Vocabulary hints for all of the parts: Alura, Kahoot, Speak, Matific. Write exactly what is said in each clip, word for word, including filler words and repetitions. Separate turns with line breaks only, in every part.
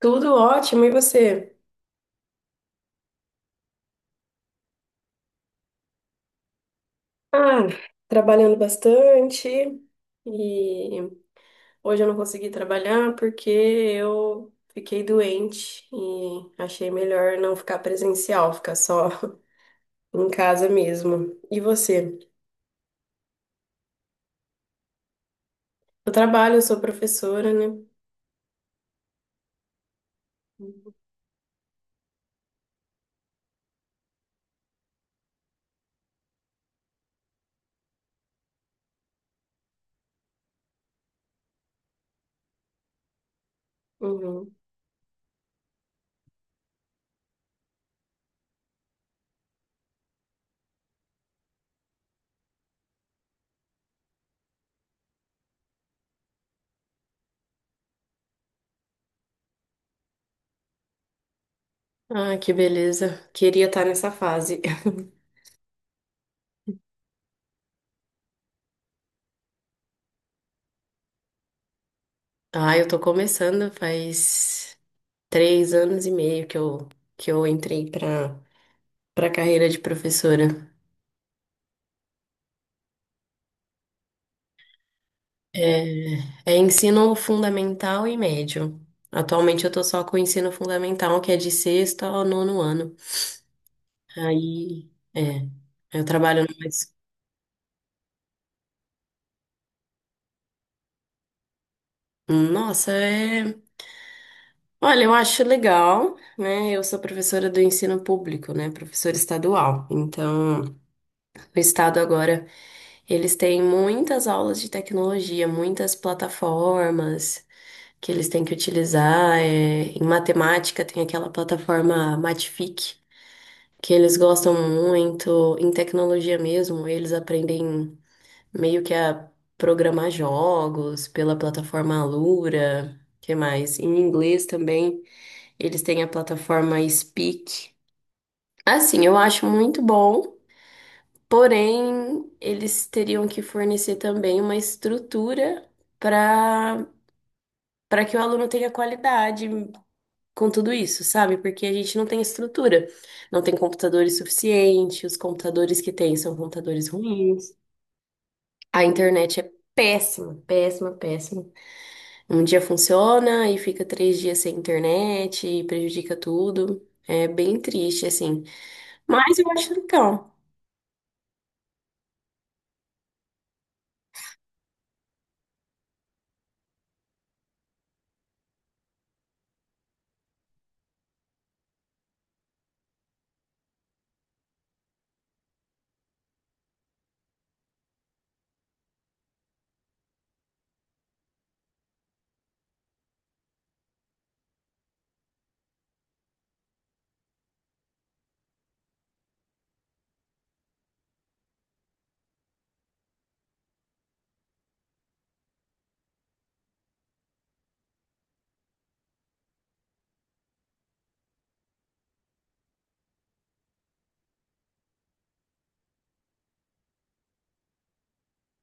Tudo ótimo, e você? Ah, trabalhando bastante e hoje eu não consegui trabalhar porque eu fiquei doente e achei melhor não ficar presencial, ficar só em casa mesmo. E você? Eu trabalho, eu sou professora, né? Uhum. Ah, que beleza. Queria estar nessa fase. Ah, eu tô começando faz três anos e meio que eu, que eu entrei pra, pra carreira de professora. É, é ensino fundamental e médio. Atualmente eu tô só com o ensino fundamental, que é de sexto ao nono ano. Aí, é, eu trabalho numa... es- Nossa, é... Olha, eu acho legal, né? Eu sou professora do ensino público, né? Professora estadual. Então, o estado agora, eles têm muitas aulas de tecnologia, muitas plataformas que eles têm que utilizar. é, Em matemática tem aquela plataforma Matific, que eles gostam muito em tecnologia mesmo, eles aprendem meio que a programar jogos pela plataforma Alura, que mais? Em inglês também, eles têm a plataforma Speak. Assim, eu acho muito bom, porém, eles teriam que fornecer também uma estrutura para para que o aluno tenha qualidade com tudo isso, sabe? Porque a gente não tem estrutura, não tem computadores suficientes, os computadores que tem são computadores ruins, a internet é péssima, péssima, péssima. Um dia funciona e fica três dias sem internet e prejudica tudo. É bem triste, assim. Mas eu acho legal.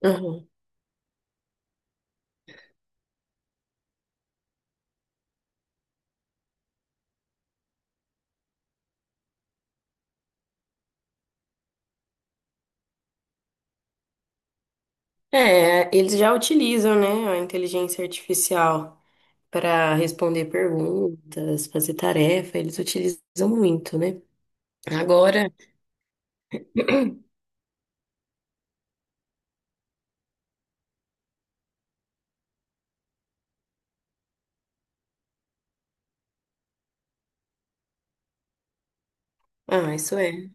Uhum. É, eles já utilizam, né, a inteligência artificial para responder perguntas, fazer tarefa, eles utilizam muito, né? Agora, ah, isso é.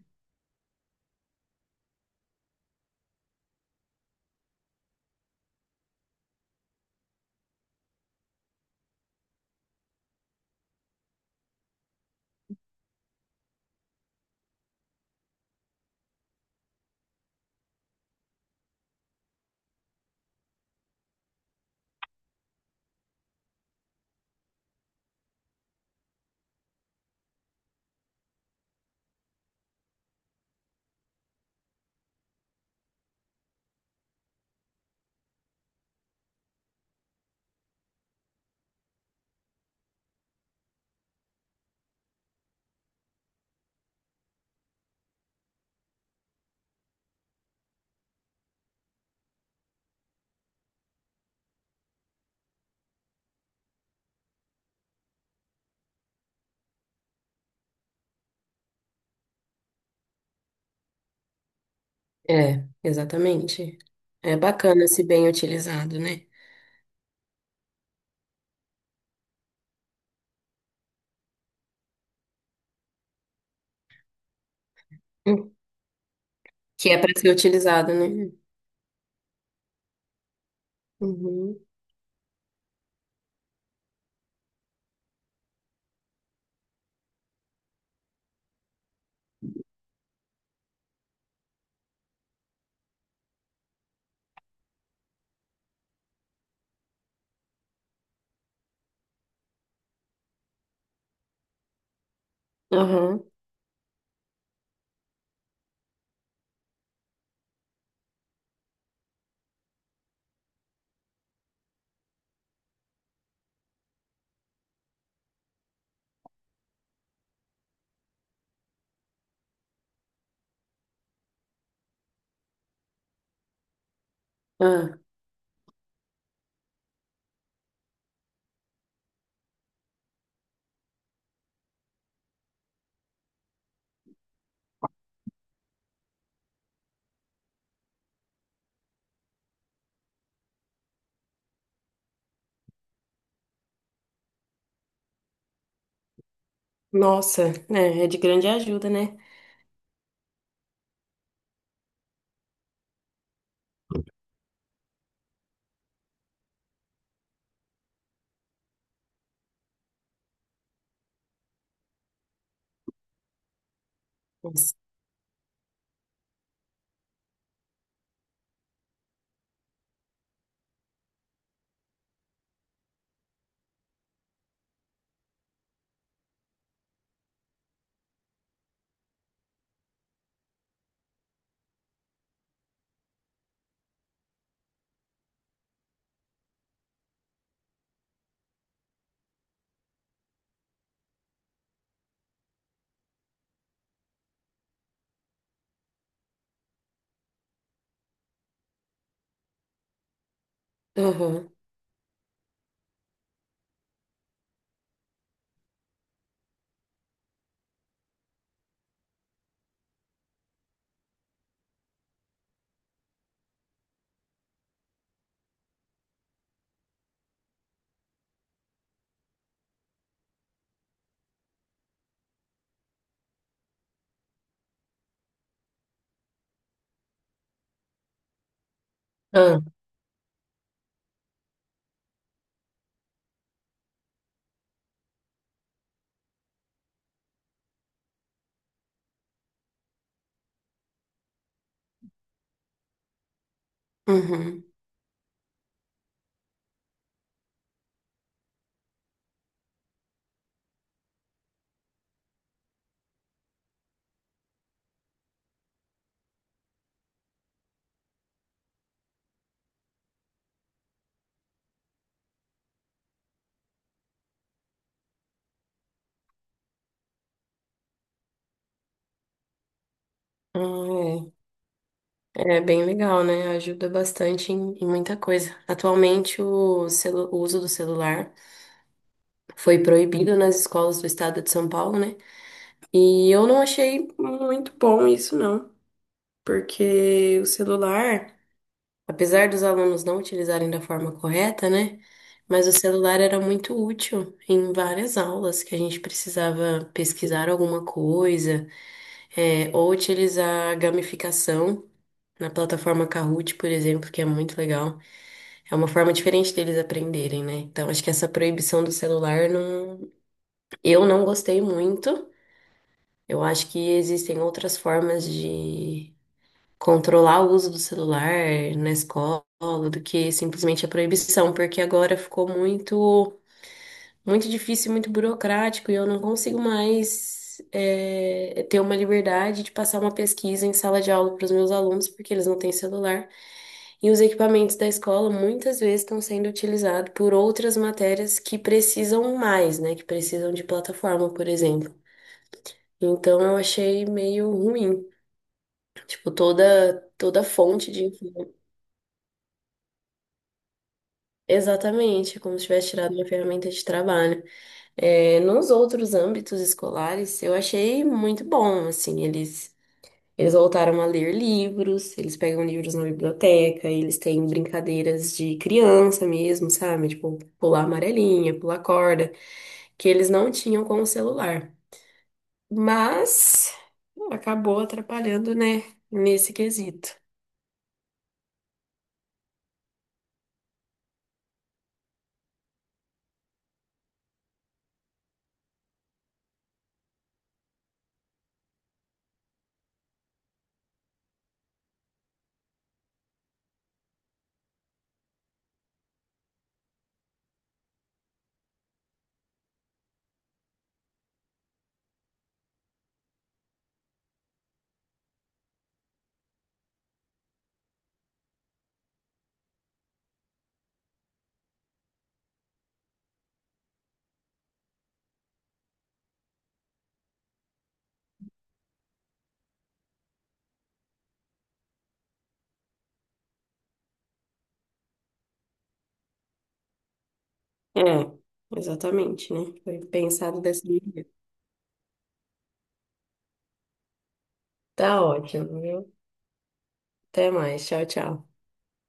É, exatamente. É bacana se bem utilizado, né? Hum. Que é para ser utilizado, né? Uhum. Aham. Ah. Nossa, é, é de grande ajuda, né? Nossa. Aham. Ah. Uhum. Ah, é. É bem legal, né? Ajuda bastante em, em muita coisa. Atualmente, o, celu- o uso do celular foi proibido nas escolas do estado de São Paulo, né? E eu não achei muito bom isso, não. Porque o celular. Apesar dos alunos não utilizarem da forma correta, né? Mas o celular era muito útil em várias aulas que a gente precisava pesquisar alguma coisa, é, ou utilizar a gamificação na plataforma Kahoot, por exemplo, que é muito legal. É uma forma diferente deles aprenderem, né? Então, acho que essa proibição do celular não eu não gostei muito. Eu acho que existem outras formas de controlar o uso do celular na escola do que simplesmente a proibição, porque agora ficou muito, muito difícil, muito burocrático e eu não consigo mais eh, ter uma liberdade de passar uma pesquisa em sala de aula para os meus alunos, porque eles não têm celular. E os equipamentos da escola muitas vezes estão sendo utilizados por outras matérias que precisam mais, né? Que precisam de plataforma, por exemplo. Então eu achei meio ruim. Tipo, toda toda fonte de Exatamente, é como se tivesse tirado minha ferramenta de trabalho. É, nos outros âmbitos escolares, eu achei muito bom, assim, eles, eles voltaram a ler livros, eles pegam livros na biblioteca, eles têm brincadeiras de criança mesmo, sabe? Tipo, pular amarelinha, pular corda, que eles não tinham com o celular. Mas acabou atrapalhando, né, nesse quesito. É, exatamente, né? Foi pensado dessa maneira. Tá ótimo, viu? Até mais. Tchau, tchau.